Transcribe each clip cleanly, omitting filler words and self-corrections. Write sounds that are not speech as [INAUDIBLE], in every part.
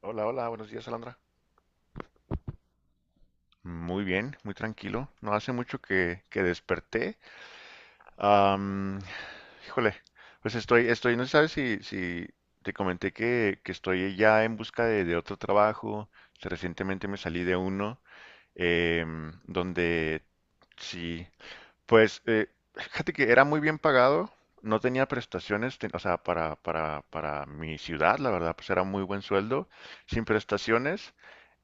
Hola, hola, buenos días, Alondra. Muy bien, muy tranquilo. No hace mucho que desperté. Am, Híjole, pues estoy, no sabes si te comenté que estoy ya en busca de otro trabajo. Recientemente me salí de uno, em, donde sí. Pues, fíjate que era muy bien pagado, no tenía prestaciones, o sea, para mi ciudad, la verdad, pues era muy buen sueldo, sin prestaciones.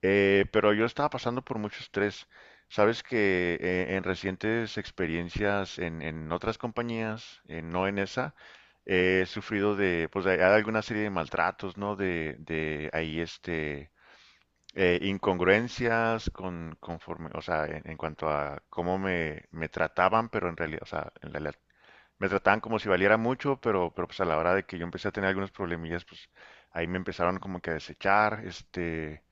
Pero yo estaba pasando por mucho estrés. Sabes que, en recientes experiencias en otras compañías, no en esa, he sufrido de, pues hay alguna serie de maltratos, ¿no? De ahí, este, incongruencias con, conforme, o sea, en cuanto a cómo me trataban, pero en realidad, o sea, en realidad me trataban como si valiera mucho. Pero, pues a la hora de que yo empecé a tener algunos problemillas, pues ahí me empezaron como que a desechar. Este,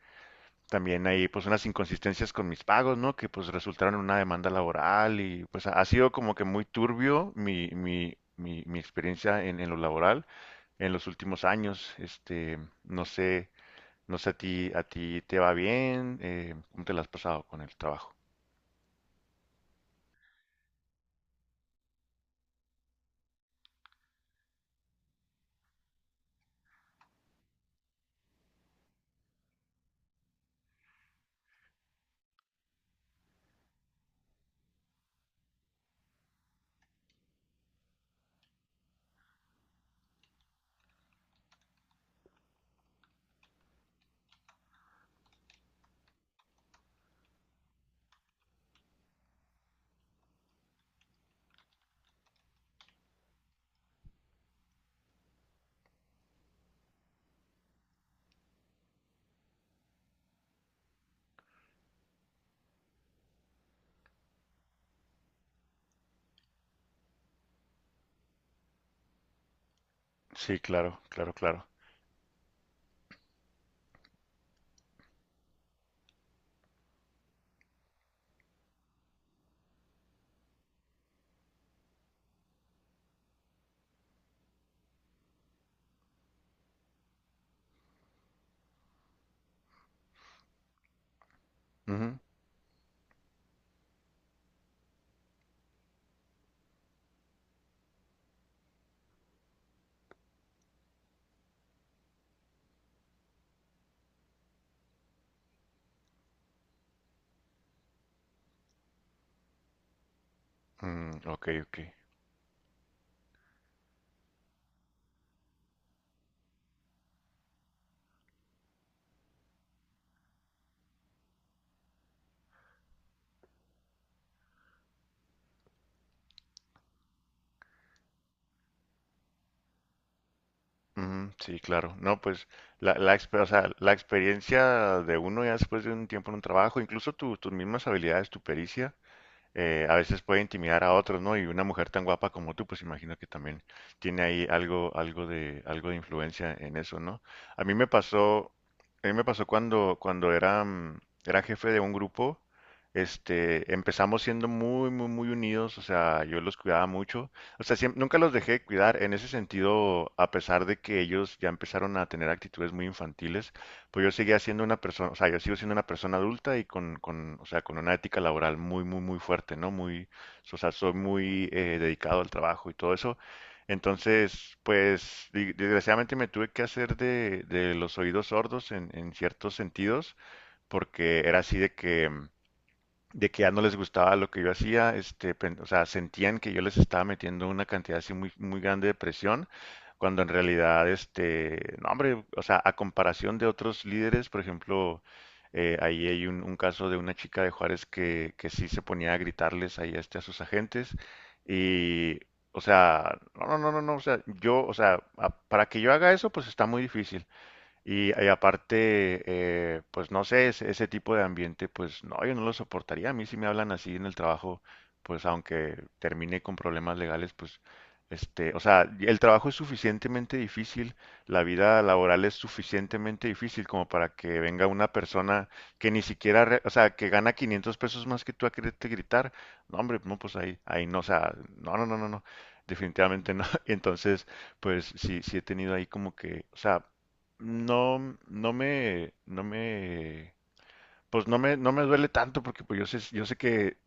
también hay pues unas inconsistencias con mis pagos, ¿no? Que pues resultaron en una demanda laboral, y pues ha sido como que muy turbio mi experiencia en lo laboral en los últimos años, este, no sé. No sé, ¿a ti te va bien? ¿Cómo te la has pasado con el trabajo? Sí, claro, claro, claro. Ujú. Mm, ok, ok. Ujú, sí, claro. No, pues o sea, la experiencia de uno ya después de un tiempo en un trabajo, incluso tus mismas habilidades, tu pericia, a veces puede intimidar a otros, ¿no? Y una mujer tan guapa como tú, pues imagino que también tiene ahí algo de influencia en eso, ¿no? A mí me pasó, a mí me pasó cuando era jefe de un grupo. Este, empezamos siendo muy, muy, muy unidos. O sea, yo los cuidaba mucho, o sea, nunca los dejé de cuidar en ese sentido, a pesar de que ellos ya empezaron a tener actitudes muy infantiles. Pues yo seguía siendo una persona, o sea, yo sigo siendo una persona adulta y con, o sea, con una ética laboral muy, muy, muy fuerte, ¿no? Muy, o sea, soy muy, dedicado al trabajo y todo eso. Entonces, pues, desgraciadamente me tuve que hacer de los oídos sordos en ciertos sentidos, porque era así de que ya no les gustaba lo que yo hacía. Este, o sea, sentían que yo les estaba metiendo una cantidad así muy, muy grande de presión, cuando en realidad, este, no, hombre, o sea, a comparación de otros líderes, por ejemplo, ahí hay un caso de una chica de Juárez que sí se ponía a gritarles ahí, este, a sus agentes. Y, o sea, no, no, no, no, no, o sea, yo, o sea, para que yo haga eso, pues está muy difícil. Y aparte, pues no sé, ese tipo de ambiente, pues no, yo no lo soportaría. A mí, si me hablan así en el trabajo, pues aunque termine con problemas legales, pues este, o sea, el trabajo es suficientemente difícil, la vida laboral es suficientemente difícil como para que venga una persona que ni siquiera, o sea, que gana 500 pesos más que tú, a quererte gritar. No, hombre, no, pues ahí, ahí no, o sea, no, no, no, no, no, definitivamente no. [LAUGHS] Entonces, pues sí, sí he tenido ahí como que, o sea, no, no me, no me, pues no me, no me duele tanto, porque pues yo sé, que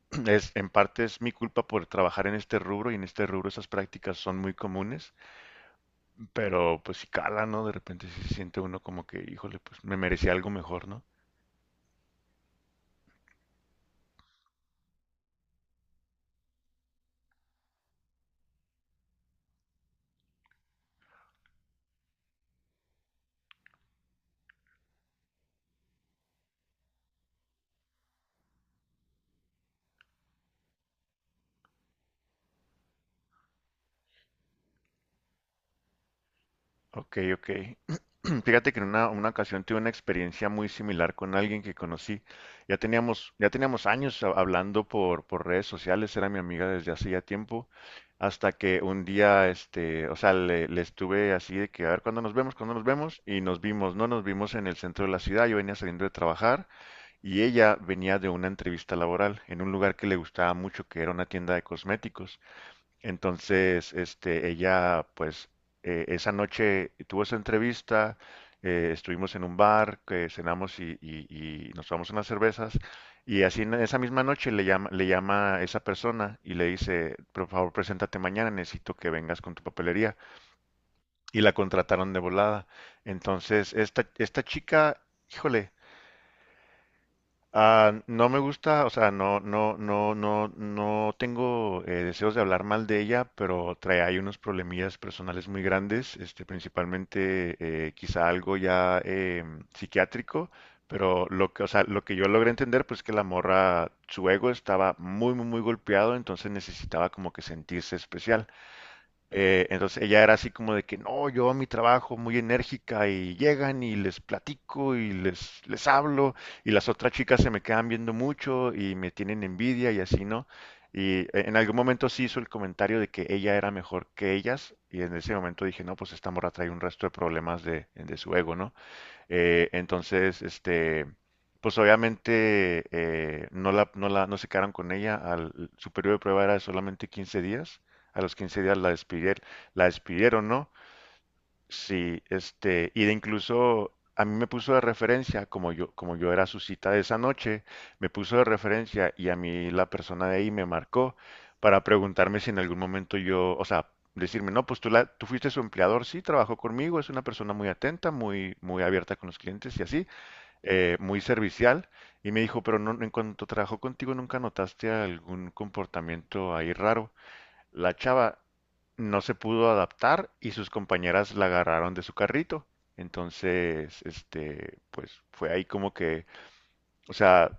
[CLEARS THROAT] en parte es mi culpa por trabajar en este rubro, y en este rubro esas prácticas son muy comunes. Pero pues si cala, ¿no? De repente sí se siente uno como que, híjole, pues me merecía algo mejor, ¿no? Ok, ok. [CLEARS THROAT] Fíjate que en una ocasión tuve una experiencia muy similar con alguien que conocí. Ya teníamos años hablando por redes sociales, era mi amiga desde hacía tiempo, hasta que un día, este, o sea, le estuve así de que, a ver, ¿cuándo nos vemos? ¿Cuándo nos vemos? Y nos vimos, no, nos vimos en el centro de la ciudad. Yo venía saliendo de trabajar y ella venía de una entrevista laboral en un lugar que le gustaba mucho, que era una tienda de cosméticos. Entonces, este, ella, pues, esa noche tuvo esa entrevista. Estuvimos en un bar, que cenamos y nos tomamos unas cervezas, y así en esa misma noche le llama, esa persona y le dice, por favor, preséntate mañana, necesito que vengas con tu papelería. Y la contrataron de volada. Entonces, esta chica, híjole, ah, no me gusta, o sea, no, no, no, no, no tengo, deseos de hablar mal de ella, pero trae ahí unos problemillas personales muy grandes. Este, principalmente, quizá algo ya, psiquiátrico. Pero lo que, o sea, lo que yo logré entender, pues que la morra, su ego estaba muy, muy, muy golpeado, entonces necesitaba como que sentirse especial. Entonces, ella era así como de que no, yo a mi trabajo muy enérgica, y llegan y les platico, y les hablo, y las otras chicas se me quedan viendo mucho y me tienen envidia y así, ¿no? Y, en algún momento sí hizo el comentario de que ella era mejor que ellas, y en ese momento dije, no, pues esta morra trae un resto de problemas de su ego, ¿no? Entonces, este, pues obviamente, no se quedaron con ella. Su periodo de prueba era de solamente 15 días. A los 15 días la despidieron, ¿no? Sí, este, y de incluso a mí me puso de referencia, como yo, era su cita de esa noche, me puso de referencia, y a mí la persona de ahí me marcó para preguntarme si en algún momento yo, o sea, decirme, no, pues tú, tú fuiste su empleador. Sí, trabajó conmigo, es una persona muy atenta, muy, muy abierta con los clientes y así, muy servicial. Y me dijo, pero no, en cuanto trabajó contigo, ¿nunca notaste algún comportamiento ahí raro? La chava no se pudo adaptar y sus compañeras la agarraron de su carrito. Entonces, este, pues fue ahí como que, o sea,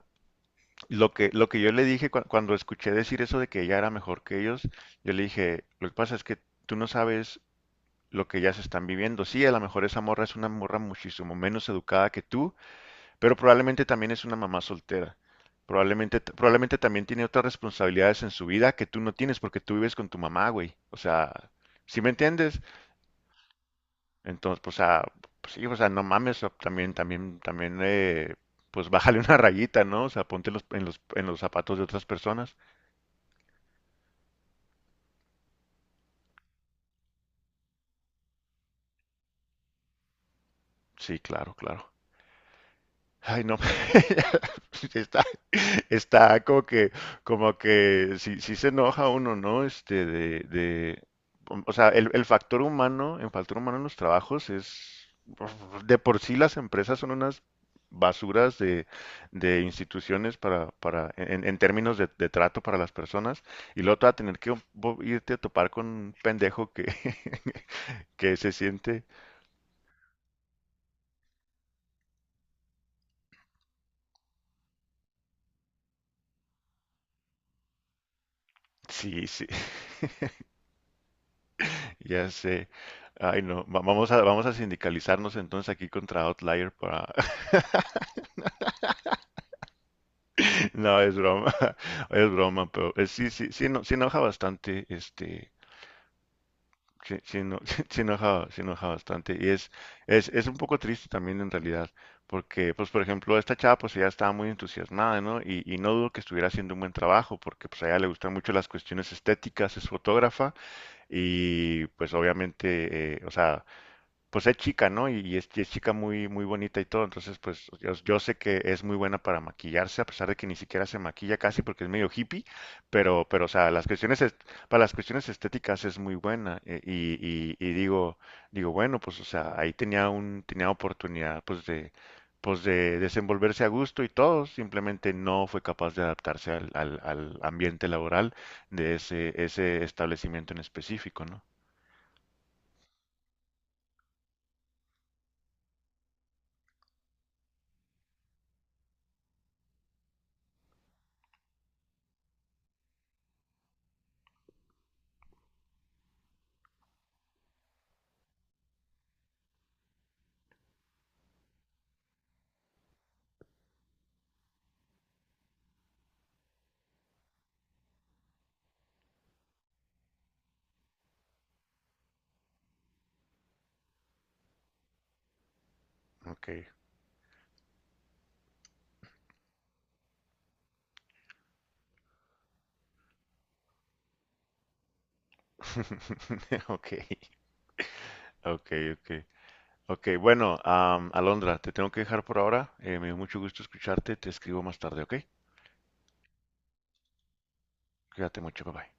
lo que yo le dije, cuando escuché decir eso de que ella era mejor que ellos, yo le dije, lo que pasa es que tú no sabes lo que ellas están viviendo. Sí, a lo mejor esa morra es una morra muchísimo menos educada que tú, pero probablemente también es una mamá soltera. Probablemente también tiene otras responsabilidades en su vida que tú no tienes, porque tú vives con tu mamá, güey. O sea, ¿sí me entiendes? Entonces, pues, pues sí, o sea, no mames. O también, pues bájale [LAUGHS] una rayita, ¿no? O sea, ponte en los zapatos de otras personas. Sí, claro, claro. Ay, no. [LAUGHS] Está, Está como que, si se enoja uno, ¿no? Este, o sea, el factor humano, el factor humano en los trabajos es, de por sí las empresas son unas basuras de instituciones, para, en términos de trato para las personas, y luego te va a tener que irte a topar con un pendejo que, [LAUGHS] que se siente, sí, sí. Ya sé. Ay, no. Vamos a sindicalizarnos entonces aquí contra Outlier para... [LAUGHS] No, es broma. [LAUGHS] Es broma, pero sí, sí, sí, no, sí enoja bastante, este... Sí, sí, no, [LAUGHS] sí enoja bastante. Y es, es un poco triste también en realidad, porque, pues, por ejemplo, esta chava, pues, ella estaba muy entusiasmada, ¿no? Y no dudo que estuviera haciendo un buen trabajo, porque, pues, a ella le gustan mucho las cuestiones estéticas, es fotógrafa, y, pues, obviamente, o sea... pues es chica, ¿no? Y es chica muy, muy bonita y todo. Entonces, pues yo sé que es muy buena para maquillarse, a pesar de que ni siquiera se maquilla casi porque es medio hippie. Pero, o sea, las cuestiones, para las cuestiones estéticas es muy buena. Y, digo, bueno, pues, o sea, ahí tenía oportunidad, pues, de desenvolverse a gusto y todo. Simplemente no fue capaz de adaptarse al ambiente laboral de ese establecimiento en específico, ¿no? Ok. [LAUGHS] Ok. Ok, ok. Ok, bueno, Alondra, te tengo que dejar por ahora. Me dio mucho gusto escucharte. Te escribo más tarde, ¿ok? Cuídate mucho, bye bye.